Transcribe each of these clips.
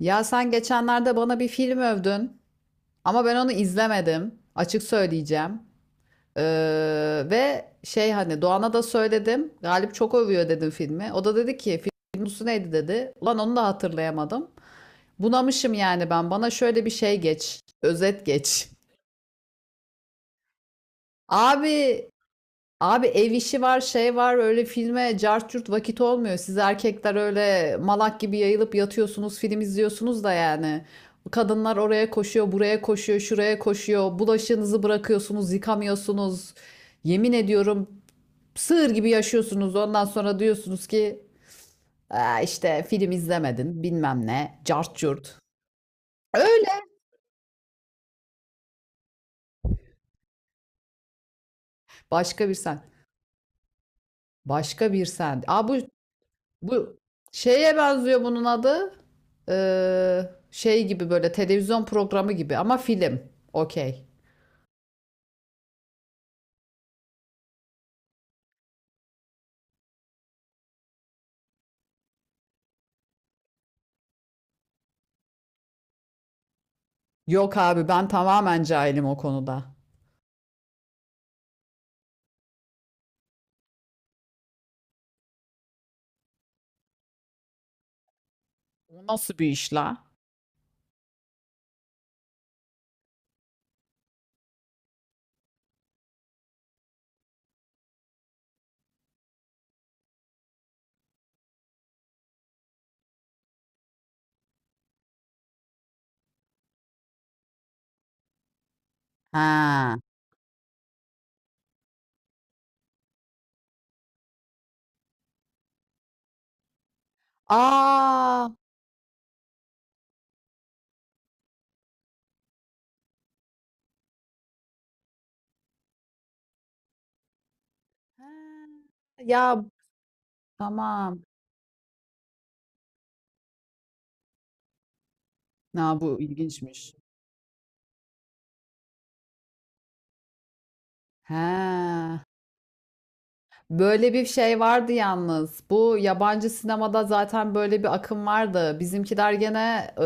Ya sen geçenlerde bana bir film övdün ama ben onu izlemedim. Açık söyleyeceğim. Ve şey hani Doğan'a da söyledim. Galip çok övüyor dedim filmi. O da dedi ki film konusu neydi dedi. Ulan onu da hatırlayamadım. Bunamışım yani ben. Bana şöyle bir şey geç. Özet geç. Abi Abi ev işi var, şey var, öyle filme cart curt vakit olmuyor. Siz erkekler öyle malak gibi yayılıp yatıyorsunuz, film izliyorsunuz da yani. Kadınlar oraya koşuyor, buraya koşuyor, şuraya koşuyor. Bulaşığınızı bırakıyorsunuz, yıkamıyorsunuz. Yemin ediyorum sığır gibi yaşıyorsunuz. Ondan sonra diyorsunuz ki "Aa, işte film izlemedin, bilmem ne, cart curt." Öyle. Başka bir sen. Başka bir sen. Aa, Bu şeye benziyor bunun adı. Ee, Şey gibi böyle televizyon programı gibi ama film. Okey. Yok abi, ben tamamen cahilim o konuda. O nasıl bir iş la? Ha. Aa. Ha. Ya, tamam. Ha, bu ilginçmiş. Ha. Böyle bir şey vardı yalnız. Bu yabancı sinemada zaten böyle bir akım vardı. Bizimkiler gene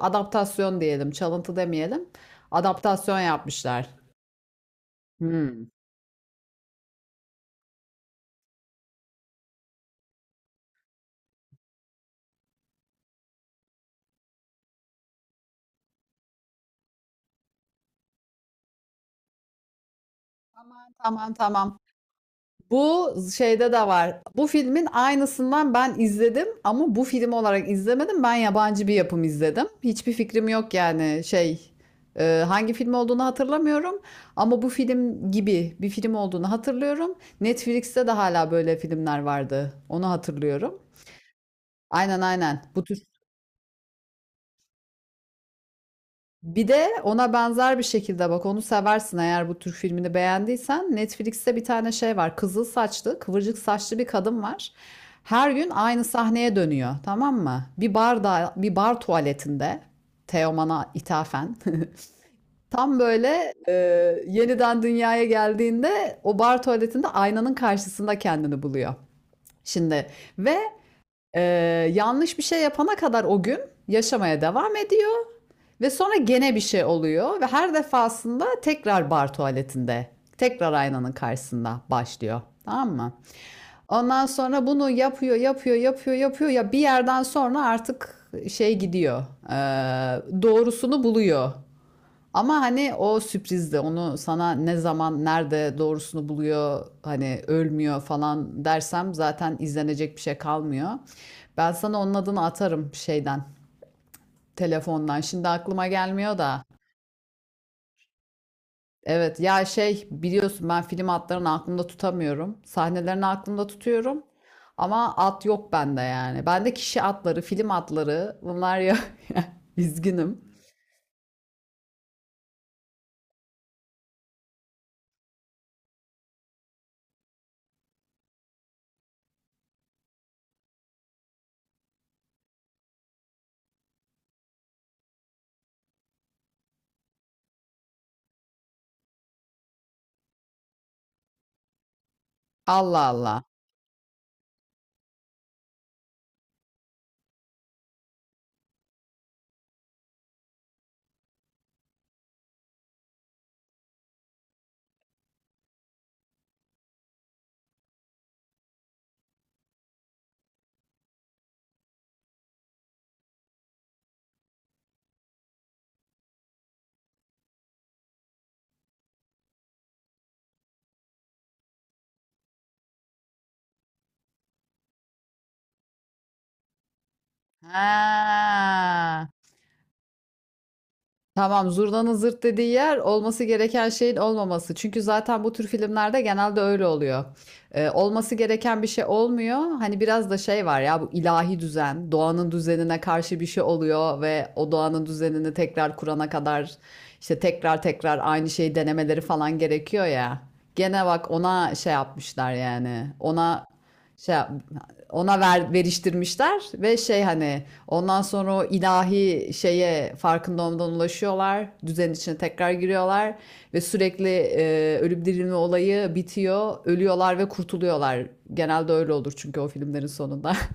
adaptasyon diyelim, çalıntı demeyelim, adaptasyon yapmışlar. Hımm. Tamam, tamam. Bu şeyde de var. Bu filmin aynısından ben izledim ama bu film olarak izlemedim. Ben yabancı bir yapım izledim. Hiçbir fikrim yok yani şey, hangi film olduğunu hatırlamıyorum ama bu film gibi bir film olduğunu hatırlıyorum. Netflix'te de hala böyle filmler vardı. Onu hatırlıyorum. Aynen, aynen. Bu tür. Bir de ona benzer bir şekilde bak, onu seversin eğer bu Türk filmini beğendiysen. Netflix'te bir tane şey var. Kızıl saçlı, kıvırcık saçlı bir kadın var. Her gün aynı sahneye dönüyor, tamam mı? Bir barda, bir bar tuvaletinde. Teoman'a ithafen. Tam böyle yeniden dünyaya geldiğinde o bar tuvaletinde aynanın karşısında kendini buluyor. Şimdi ve e, yanlış bir şey yapana kadar o gün yaşamaya devam ediyor. Ve sonra gene bir şey oluyor ve her defasında tekrar bar tuvaletinde, tekrar aynanın karşısında başlıyor. Tamam mı? Ondan sonra bunu yapıyor, yapıyor, yapıyor, yapıyor. Ya bir yerden sonra artık şey gidiyor. Doğrusunu buluyor. Ama hani o sürprizde onu sana ne zaman, nerede doğrusunu buluyor, hani ölmüyor falan dersem zaten izlenecek bir şey kalmıyor. Ben sana onun adını atarım şeyden, telefondan. Şimdi aklıma gelmiyor da. Evet ya şey, biliyorsun ben film adlarını aklımda tutamıyorum. Sahnelerini aklımda tutuyorum. Ama at yok bende yani. Bende kişi atları, film atları bunlar ya. Üzgünüm. Allah Allah. Ha. Tamam, zurnanın zırt dediği yer olması gereken şeyin olmaması. Çünkü zaten bu tür filmlerde genelde öyle oluyor. Olması gereken bir şey olmuyor. Hani biraz da şey var ya, bu ilahi düzen, doğanın düzenine karşı bir şey oluyor ve o doğanın düzenini tekrar kurana kadar işte tekrar tekrar aynı şeyi denemeleri falan gerekiyor ya. Gene bak ona şey yapmışlar yani. Ona şey, veriştirmişler ve şey hani ondan sonra o ilahi şeye farkında olmadan ulaşıyorlar. Düzenin içine tekrar giriyorlar ve sürekli ölüp dirilme olayı bitiyor. Ölüyorlar ve kurtuluyorlar. Genelde öyle olur çünkü o filmlerin sonunda.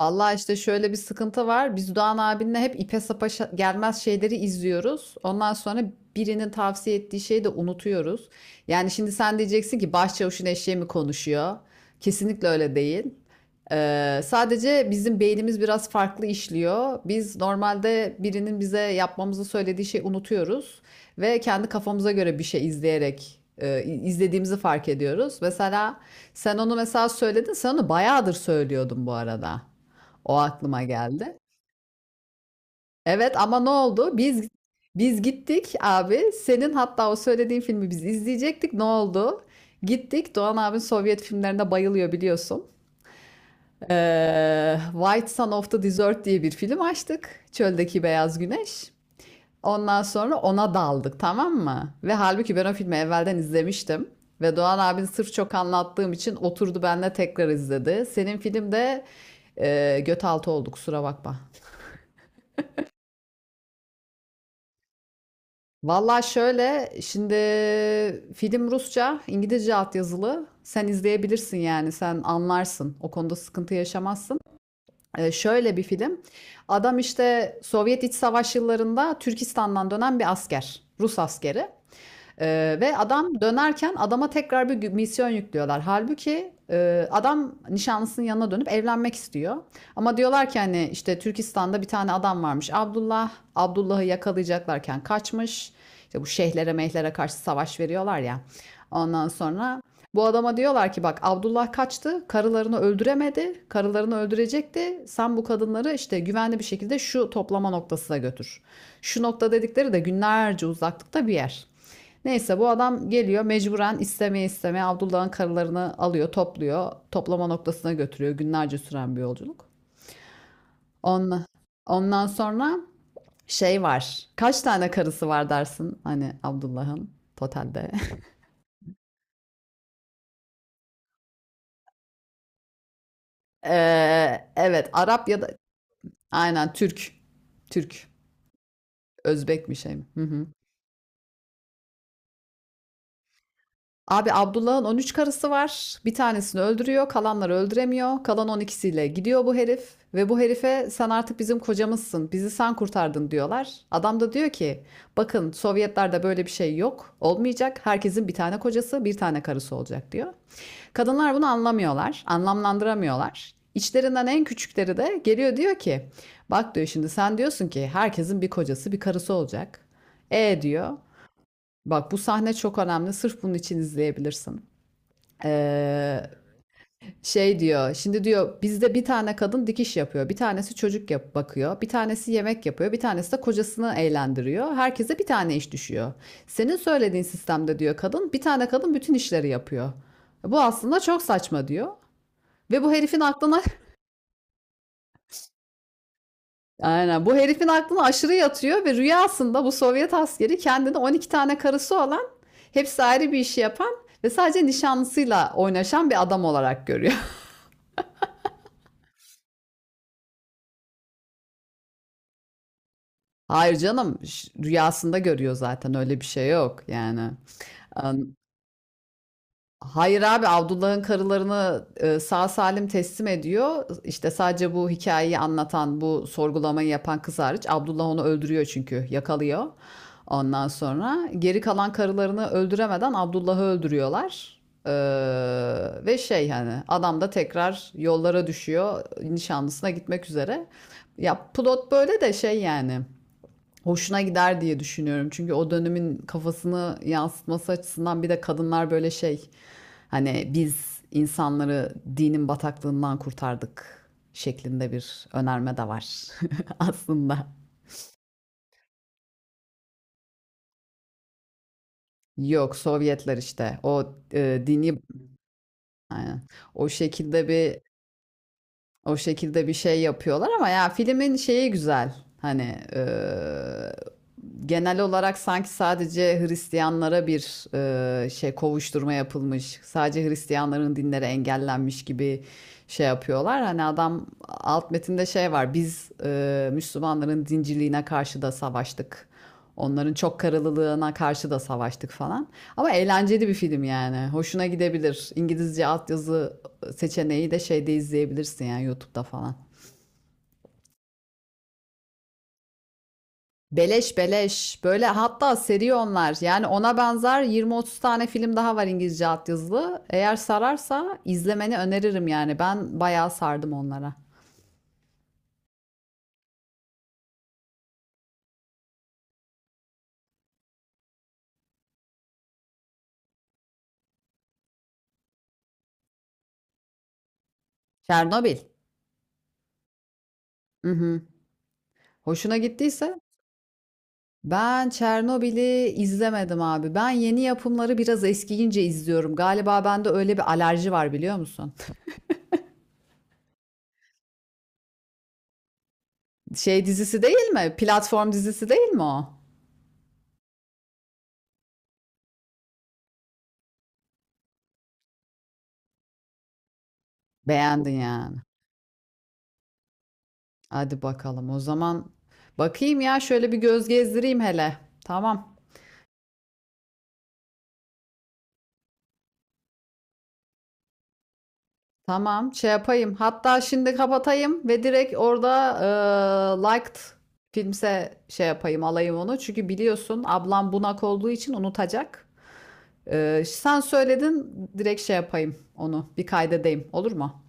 Vallahi işte şöyle bir sıkıntı var. Biz Doğan abinle hep ipe sapa gelmez şeyleri izliyoruz. Ondan sonra birinin tavsiye ettiği şeyi de unutuyoruz. Yani şimdi sen diyeceksin ki başçavuşun eşeği mi konuşuyor? Kesinlikle öyle değil. Sadece bizim beynimiz biraz farklı işliyor. Biz normalde birinin bize yapmamızı söylediği şeyi unutuyoruz ve kendi kafamıza göre bir şey izleyerek izlediğimizi fark ediyoruz. Mesela sen onu mesela söyledin, sen onu bayağıdır söylüyordun bu arada. O aklıma geldi. Evet ama ne oldu? Biz gittik abi. Senin hatta o söylediğin filmi biz izleyecektik. Ne oldu? Gittik. Doğan abin Sovyet filmlerine bayılıyor, biliyorsun. White Sun of the Desert diye bir film açtık. Çöldeki Beyaz Güneş. Ondan sonra ona daldık, tamam mı? Ve halbuki ben o filmi evvelden izlemiştim. Ve Doğan abin sırf çok anlattığım için oturdu benimle tekrar izledi. Senin filmde göt altı oldu, kusura bakma. Valla şöyle şimdi, film Rusça, İngilizce altyazılı. Sen izleyebilirsin yani, sen anlarsın. O konuda sıkıntı yaşamazsın. Şöyle bir film. Adam işte Sovyet İç Savaş yıllarında Türkistan'dan dönen bir asker. Rus askeri. Ve adam dönerken adama tekrar bir misyon yüklüyorlar. Halbuki adam nişanlısının yanına dönüp evlenmek istiyor. Ama diyorlar ki hani işte Türkistan'da bir tane adam varmış, Abdullah. Abdullah'ı yakalayacaklarken kaçmış. İşte bu şeyhlere mehlere karşı savaş veriyorlar ya. Ondan sonra bu adama diyorlar ki bak, Abdullah kaçtı, karılarını öldüremedi, karılarını öldürecekti. Sen bu kadınları işte güvenli bir şekilde şu toplama noktasına götür. Şu nokta dedikleri de günlerce uzaklıkta bir yer. Neyse, bu adam geliyor mecburen, istemeye istemeye Abdullah'ın karılarını alıyor, topluyor. Toplama noktasına götürüyor. Günlerce süren bir yolculuk. Ondan, ondan sonra şey var. Kaç tane karısı var dersin hani Abdullah'ın totalde? Evet, Arap ya da aynen Türk. Türk. Özbek mi, şey mi? Hı hı. Abi, Abdullah'ın 13 karısı var. Bir tanesini öldürüyor, kalanları öldüremiyor. Kalan 12'siyle gidiyor bu herif ve bu herife sen artık bizim kocamızsın, bizi sen kurtardın diyorlar. Adam da diyor ki, bakın Sovyetlerde böyle bir şey yok, olmayacak. Herkesin bir tane kocası, bir tane karısı olacak diyor. Kadınlar bunu anlamıyorlar, anlamlandıramıyorlar. İçlerinden en küçükleri de geliyor, diyor ki, bak diyor, şimdi sen diyorsun ki herkesin bir kocası, bir karısı olacak. E diyor. Bak, bu sahne çok önemli. Sırf bunun için izleyebilirsin. Ee, Şey diyor. Şimdi diyor, bizde bir tane kadın dikiş yapıyor. Bir tanesi çocuk yap bakıyor. Bir tanesi yemek yapıyor. Bir tanesi de kocasını eğlendiriyor. Herkese bir tane iş düşüyor. Senin söylediğin sistemde diyor, kadın, bir tane kadın bütün işleri yapıyor. Bu aslında çok saçma diyor. Ve bu herifin aklına aynen, bu herifin aklına aşırı yatıyor ve rüyasında bu Sovyet askeri kendine 12 tane karısı olan, hepsi ayrı bir işi yapan ve sadece nişanlısıyla oynaşan bir adam olarak görüyor. Hayır canım, rüyasında görüyor, zaten öyle bir şey yok yani. An- Hayır abi, Abdullah'ın karılarını sağ salim teslim ediyor. İşte sadece bu hikayeyi anlatan, bu sorgulamayı yapan kız hariç. Abdullah onu öldürüyor çünkü yakalıyor. Ondan sonra geri kalan karılarını öldüremeden Abdullah'ı öldürüyorlar. Ve şey hani adam da tekrar yollara düşüyor nişanlısına gitmek üzere. Ya plot böyle de, şey yani hoşuna gider diye düşünüyorum. Çünkü o dönemin kafasını yansıtması açısından, bir de kadınlar böyle şey hani biz insanları dinin bataklığından kurtardık şeklinde bir önerme de var aslında. Yok, Sovyetler işte o dini, aynen. O şekilde bir. O şekilde bir şey yapıyorlar ama ya filmin şeyi güzel. Hani genel olarak sanki sadece Hristiyanlara bir şey, kovuşturma yapılmış. Sadece Hristiyanların dinleri engellenmiş gibi şey yapıyorlar. Hani adam, alt metinde şey var. Biz Müslümanların dinciliğine karşı da savaştık. Onların çok karılılığına karşı da savaştık falan. Ama eğlenceli bir film yani. Hoşuna gidebilir. İngilizce altyazı seçeneği de şeyde izleyebilirsin yani, YouTube'da falan. Beleş beleş. Böyle hatta seri onlar. Yani ona benzer 20-30 tane film daha var İngilizce altyazılı. Eğer sararsa izlemeni öneririm yani. Ben bayağı sardım onlara. Çernobil. Hı hı. Hoşuna gittiyse. Ben Çernobil'i izlemedim abi. Ben yeni yapımları biraz eskiyince izliyorum. Galiba bende öyle bir alerji var, biliyor musun? Şey dizisi değil mi? Platform dizisi değil mi o? Beğendin yani. Hadi bakalım o zaman. Bakayım ya, şöyle bir göz gezdireyim hele. Tamam. Tamam, şey yapayım. Hatta şimdi kapatayım ve direkt orada liked filmse şey yapayım, alayım onu. Çünkü biliyorsun ablam bunak olduğu için unutacak. Sen söyledin, direkt şey yapayım onu, bir kaydedeyim, olur mu?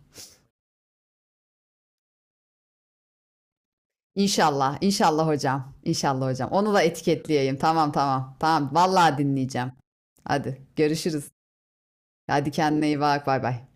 İnşallah, inşallah hocam, inşallah hocam. Onu da etiketleyeyim. Tamam, tamam, tamam. Vallahi dinleyeceğim. Hadi görüşürüz. Hadi kendine iyi bak. Bay bay.